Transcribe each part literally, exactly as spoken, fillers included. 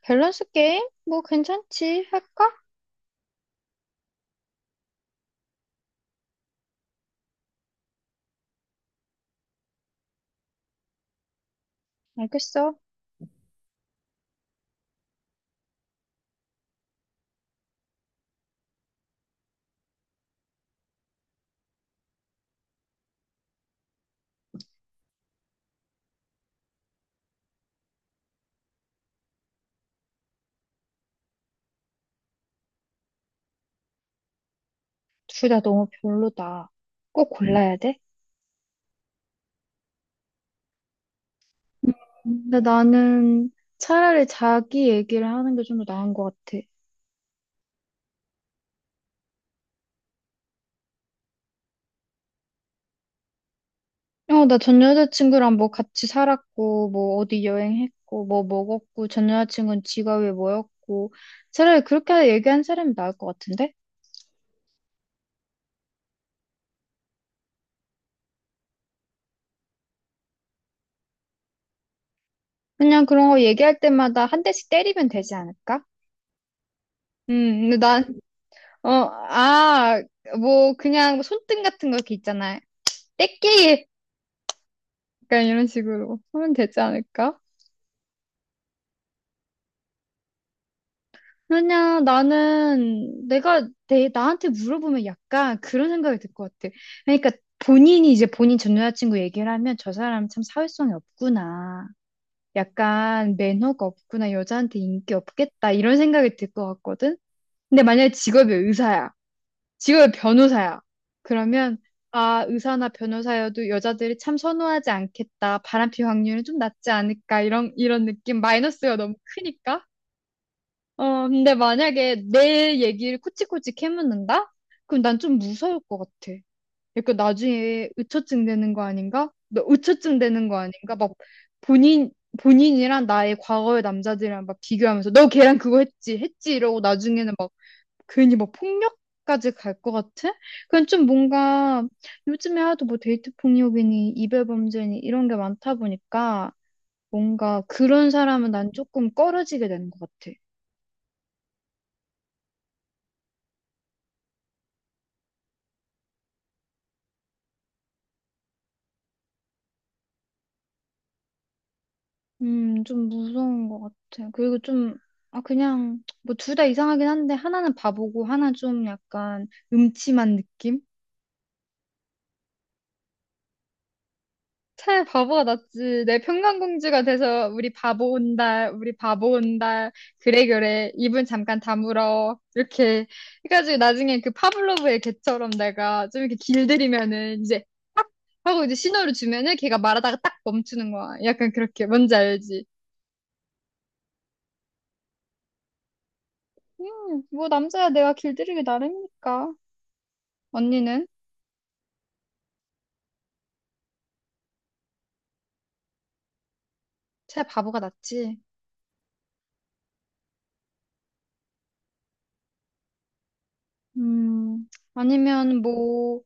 밸런스 게임? 뭐 괜찮지. 할까? 알겠어. 둘 다 너무 별로다. 꼭 음. 골라야 돼? 근데 나는 차라리 자기 얘기를 하는 게 좀 더 나은 것 같아. 어, 나 전 여자친구랑 뭐 같이 살았고, 뭐 어디 여행했고, 뭐 먹었고, 전 여자친구는 직업이 뭐였고. 차라리 그렇게 얘기한 사람이 나을 것 같은데? 그냥 그런 거 얘기할 때마다 한 대씩 때리면 되지 않을까? 음, 근데 난, 어, 아, 뭐 그냥 손등 같은 거 이렇게 있잖아. 떼끼 약간 이런 식으로 하면 되지 않을까? 왜냐, 나는 내가 내, 나한테 물어보면 약간 그런 생각이 들 것 같아. 그러니까 본인이 이제 본인 전 여자친구 얘기를 하면 저 사람 참 사회성이 없구나. 약간 매너가 없구나. 여자한테 인기 없겠다. 이런 생각이 들 것 같거든? 근데 만약에 직업이 의사야. 직업이 변호사야. 그러면 아, 의사나 변호사여도 여자들이 참 선호하지 않겠다. 바람피 확률은 좀 낮지 않을까. 이런, 이런 느낌. 마이너스가 너무 크니까. 어, 근데 만약에 내 얘기를 코치코치 캐묻는다? 그럼 난 좀 무서울 것 같아. 약간 나중에 의처증 되는 거 아닌가? 너 의처증 되는 거 아닌가? 막 본인, 본인이랑 나의 과거의 남자들이랑 막 비교하면서 너 걔랑 그거 했지, 했지 이러고 나중에는 막 괜히 막 폭력까지 갈 것 같아? 그건 좀 뭔가 요즘에 하도 뭐 데이트 폭력이니 이별 범죄니 이런 게 많다 보니까 뭔가 그런 사람은 난 조금 꺼려지게 되는 것 같아. 음, 좀 무서운 것 같아 그리고 좀, 아, 그냥, 뭐, 둘 다 이상하긴 한데, 하나는 바보고, 하나 좀 약간 음침한 느낌? 차라리 바보가 낫지. 내 평강공주가 돼서, 우리 바보 온달, 우리 바보 온달, 그래, 그래, 입은 잠깐 다물어. 이렇게 해가지고, 나중에 그 파블로브의 개처럼 내가 좀 이렇게 길들이면은, 이제, 딱! 하고 이제 신호를 주면은, 걔가 말하다가 딱 멈추는 거야. 약간 그렇게, 뭔지 알지? 음, 뭐, 남자야 내가 길들이기 나름이니까. 언니는? 새 바보가 낫지? 음, 아니면 뭐,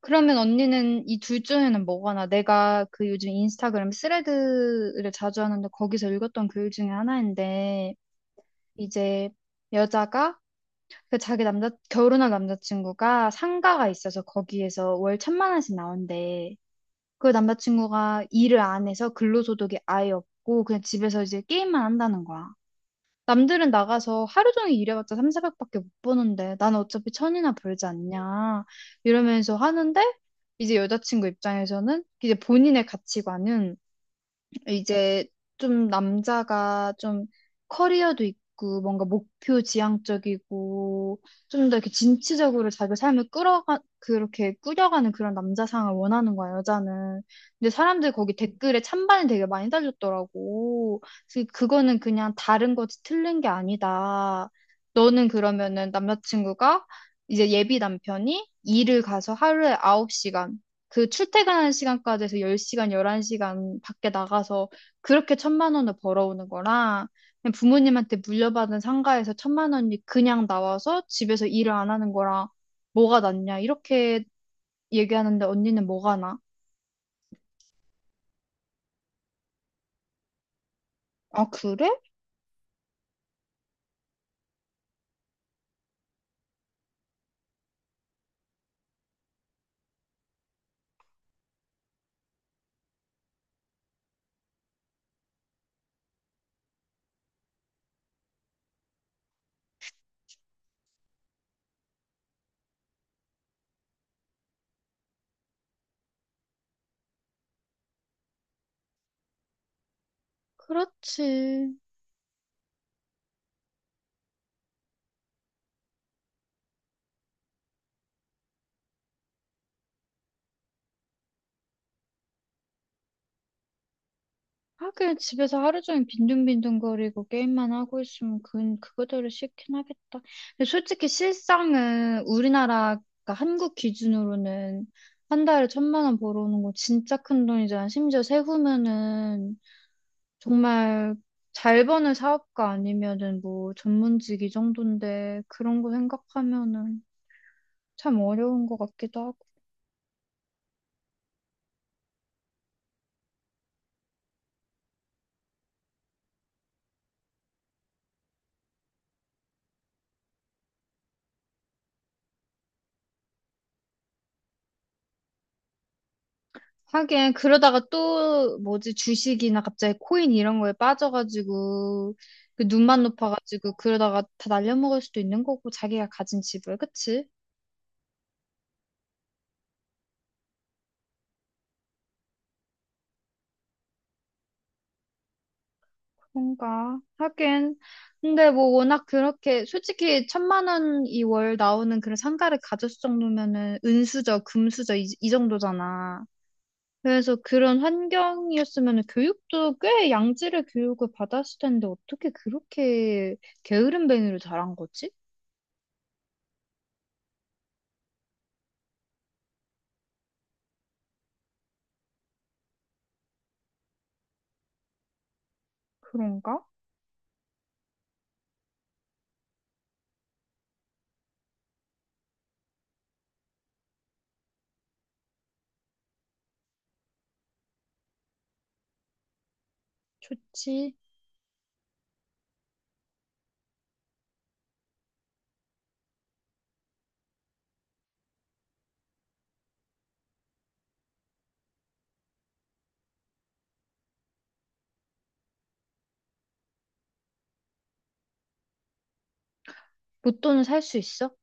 그러면 언니는 이 둘 중에는 뭐가 나? 내가 그 요즘 인스타그램 스레드를 자주 하는데 거기서 읽었던 글 중에 하나인데, 이제 여자가 그 자기 남자, 결혼할 남자친구가 상가가 있어서 거기에서 월 천만 원씩 나온대. 그 남자친구가 일을 안 해서 근로소득이 아예 없고 그냥 집에서 이제 게임만 한다는 거야. 남들은 나가서 하루 종일 일해봤자 삼, 사백밖에 못 버는데 나는 어차피 천이나 벌지 않냐 이러면서 하는데 이제 여자친구 입장에서는 이제 본인의 가치관은 이제 좀 남자가 좀 커리어도 있고 뭔가 목표 지향적이고 좀 더 이렇게 진취적으로 자기 삶을 끌어가 그렇게 꾸려가는 그런 남자상을 원하는 거야 여자는. 근데 사람들이 거기 댓글에 찬반이 되게 많이 달렸더라고. 그래서 그거는 그냥 다른 거지 틀린 게 아니다. 너는 그러면은 남자친구가 이제 예비 남편이 일을 가서 하루에 아홉 시간 그 출퇴근하는 시간까지 해서 열 시간, 열한 시간 밖에 나가서 그렇게 천만 원을 벌어오는 거랑 그냥 부모님한테 물려받은 상가에서 천만 원이 그냥 나와서 집에서 일을 안 하는 거랑 뭐가 낫냐 이렇게 얘기하는데 언니는 뭐가 나? 아, 그래? 그렇지. 하긴 집에서 하루 종일 빈둥빈둥거리고 게임만 하고 있으면 그건 그거대로 싫긴 하겠다. 근데 솔직히 실상은 우리나라, 그 한국 기준으로는 한 달에 천만 원 벌어오는 거 진짜 큰 돈이잖아. 심지어 세후면은 정말 잘 버는 사업가 아니면은 뭐 전문직 이 정도인데 그런 거 생각하면은 참 어려운 것 같기도 하고. 하긴 그러다가 또 뭐지 주식이나 갑자기 코인 이런 거에 빠져가지고 그 눈만 높아가지고 그러다가 다 날려먹을 수도 있는 거고 자기가 가진 집을 그치? 그런가 하긴 근데 뭐 워낙 그렇게 솔직히 천만 원이 월 나오는 그런 상가를 가졌을 정도면은 은수저 금수저 이, 이 정도잖아 그래서 그런 환경이었으면 교육도 꽤 양질의 교육을 받았을 텐데 어떻게 그렇게 게으름뱅이로 자란 거지? 그런가? 좋지. 로또는 살 수 있어?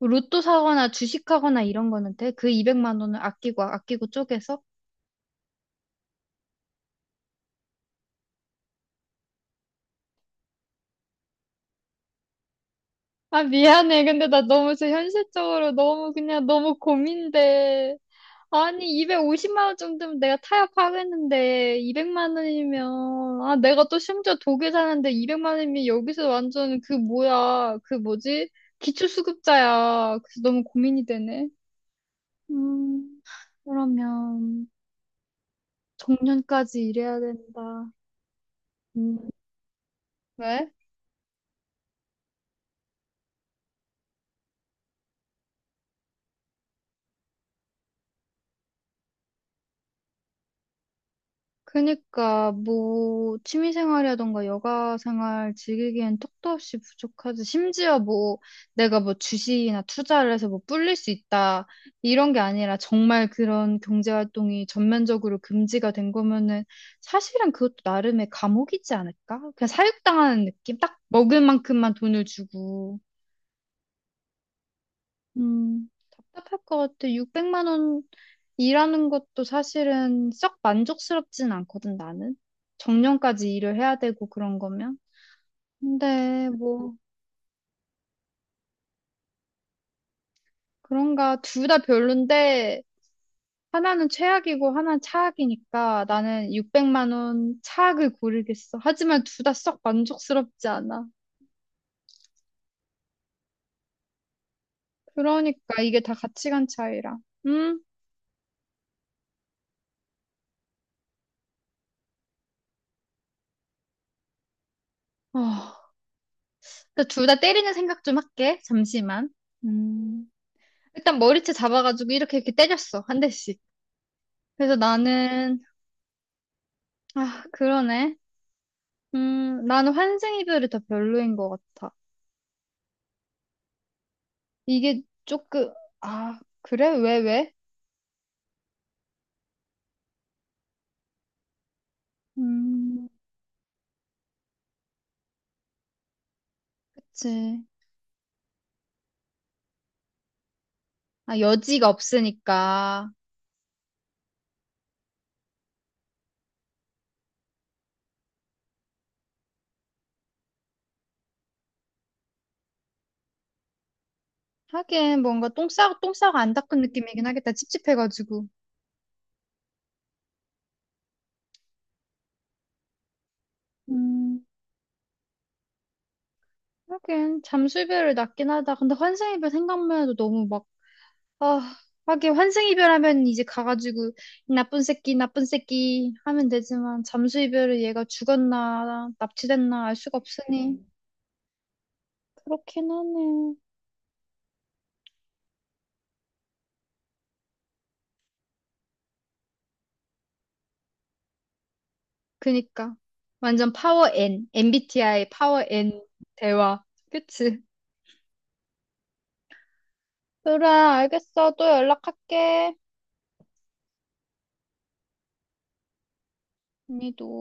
로또 사거나 주식하거나 이런 거는 돼? 그 이백만 원을 아끼고 아끼고 쪼개서? 아, 미안해. 근데 나 너무 저 현실적으로 너무 그냥 너무 고민돼. 아니, 이백오십만 원 정도면 내가 타협하겠는데, 이백만 원이면, 아, 내가 또 심지어 독일 사는데 이백만 원이면 여기서 완전 그 뭐야, 그 뭐지? 기초수급자야. 그래서 너무 고민이 되네. 음, 그러면 정년까지 일해야 된다. 음. 왜? 그니까 뭐 취미 생활이라던가 여가 생활 즐기기엔 턱도 없이 부족하지. 심지어 뭐 내가 뭐 주식이나 투자를 해서 뭐 불릴 수 있다 이런 게 아니라 정말 그런 경제 활동이 전면적으로 금지가 된 거면은 사실은 그것도 나름의 감옥이지 않을까? 그냥 사육당하는 느낌? 딱 먹을 만큼만 돈을 주고. 음, 답답할 것 같아. 육백만 원 일하는 것도 사실은 썩 만족스럽진 않거든, 나는. 정년까지 일을 해야 되고 그런 거면. 근데 뭐, 그런가 둘 다 별론데, 하나는 최악이고 하나는 차악이니까 나는 육백만 원 차악을 고르겠어. 하지만 둘 다 썩 만족스럽지 않아. 그러니까 이게 다 가치관 차이라. 음? 어. 둘 다 때리는 생각 좀 할게. 잠시만. 음. 일단 머리채 잡아가지고 이렇게 이렇게 때렸어. 한 대씩. 그래서 나는 아, 그러네. 음, 나는 환생 이별이 더 별로인 것 같아. 이게 조금, 아, 그래? 왜, 왜? 음, 그치. 아, 여지가 없으니까. 하긴, 뭔가 똥 싸고, 똥 싸고 안 닦은 느낌이긴 하겠다. 찝찝해가지고. 음, 하긴, 잠수이별을 낫긴 하다. 근데 환생 이별 생각만 해도 너무 막, 아, 하긴, 환생 이별하면 이제 가가지고, 이 나쁜 새끼, 나쁜 새끼 하면 되지만, 잠수 이별을 얘가 죽었나, 납치됐나 알 수가 없으니. 그렇긴 하네. 그니까. 완전 파워 N. 엠비티아이 파워 N 대화. 그치? 그래, 알겠어. 또 연락할게. 언니도.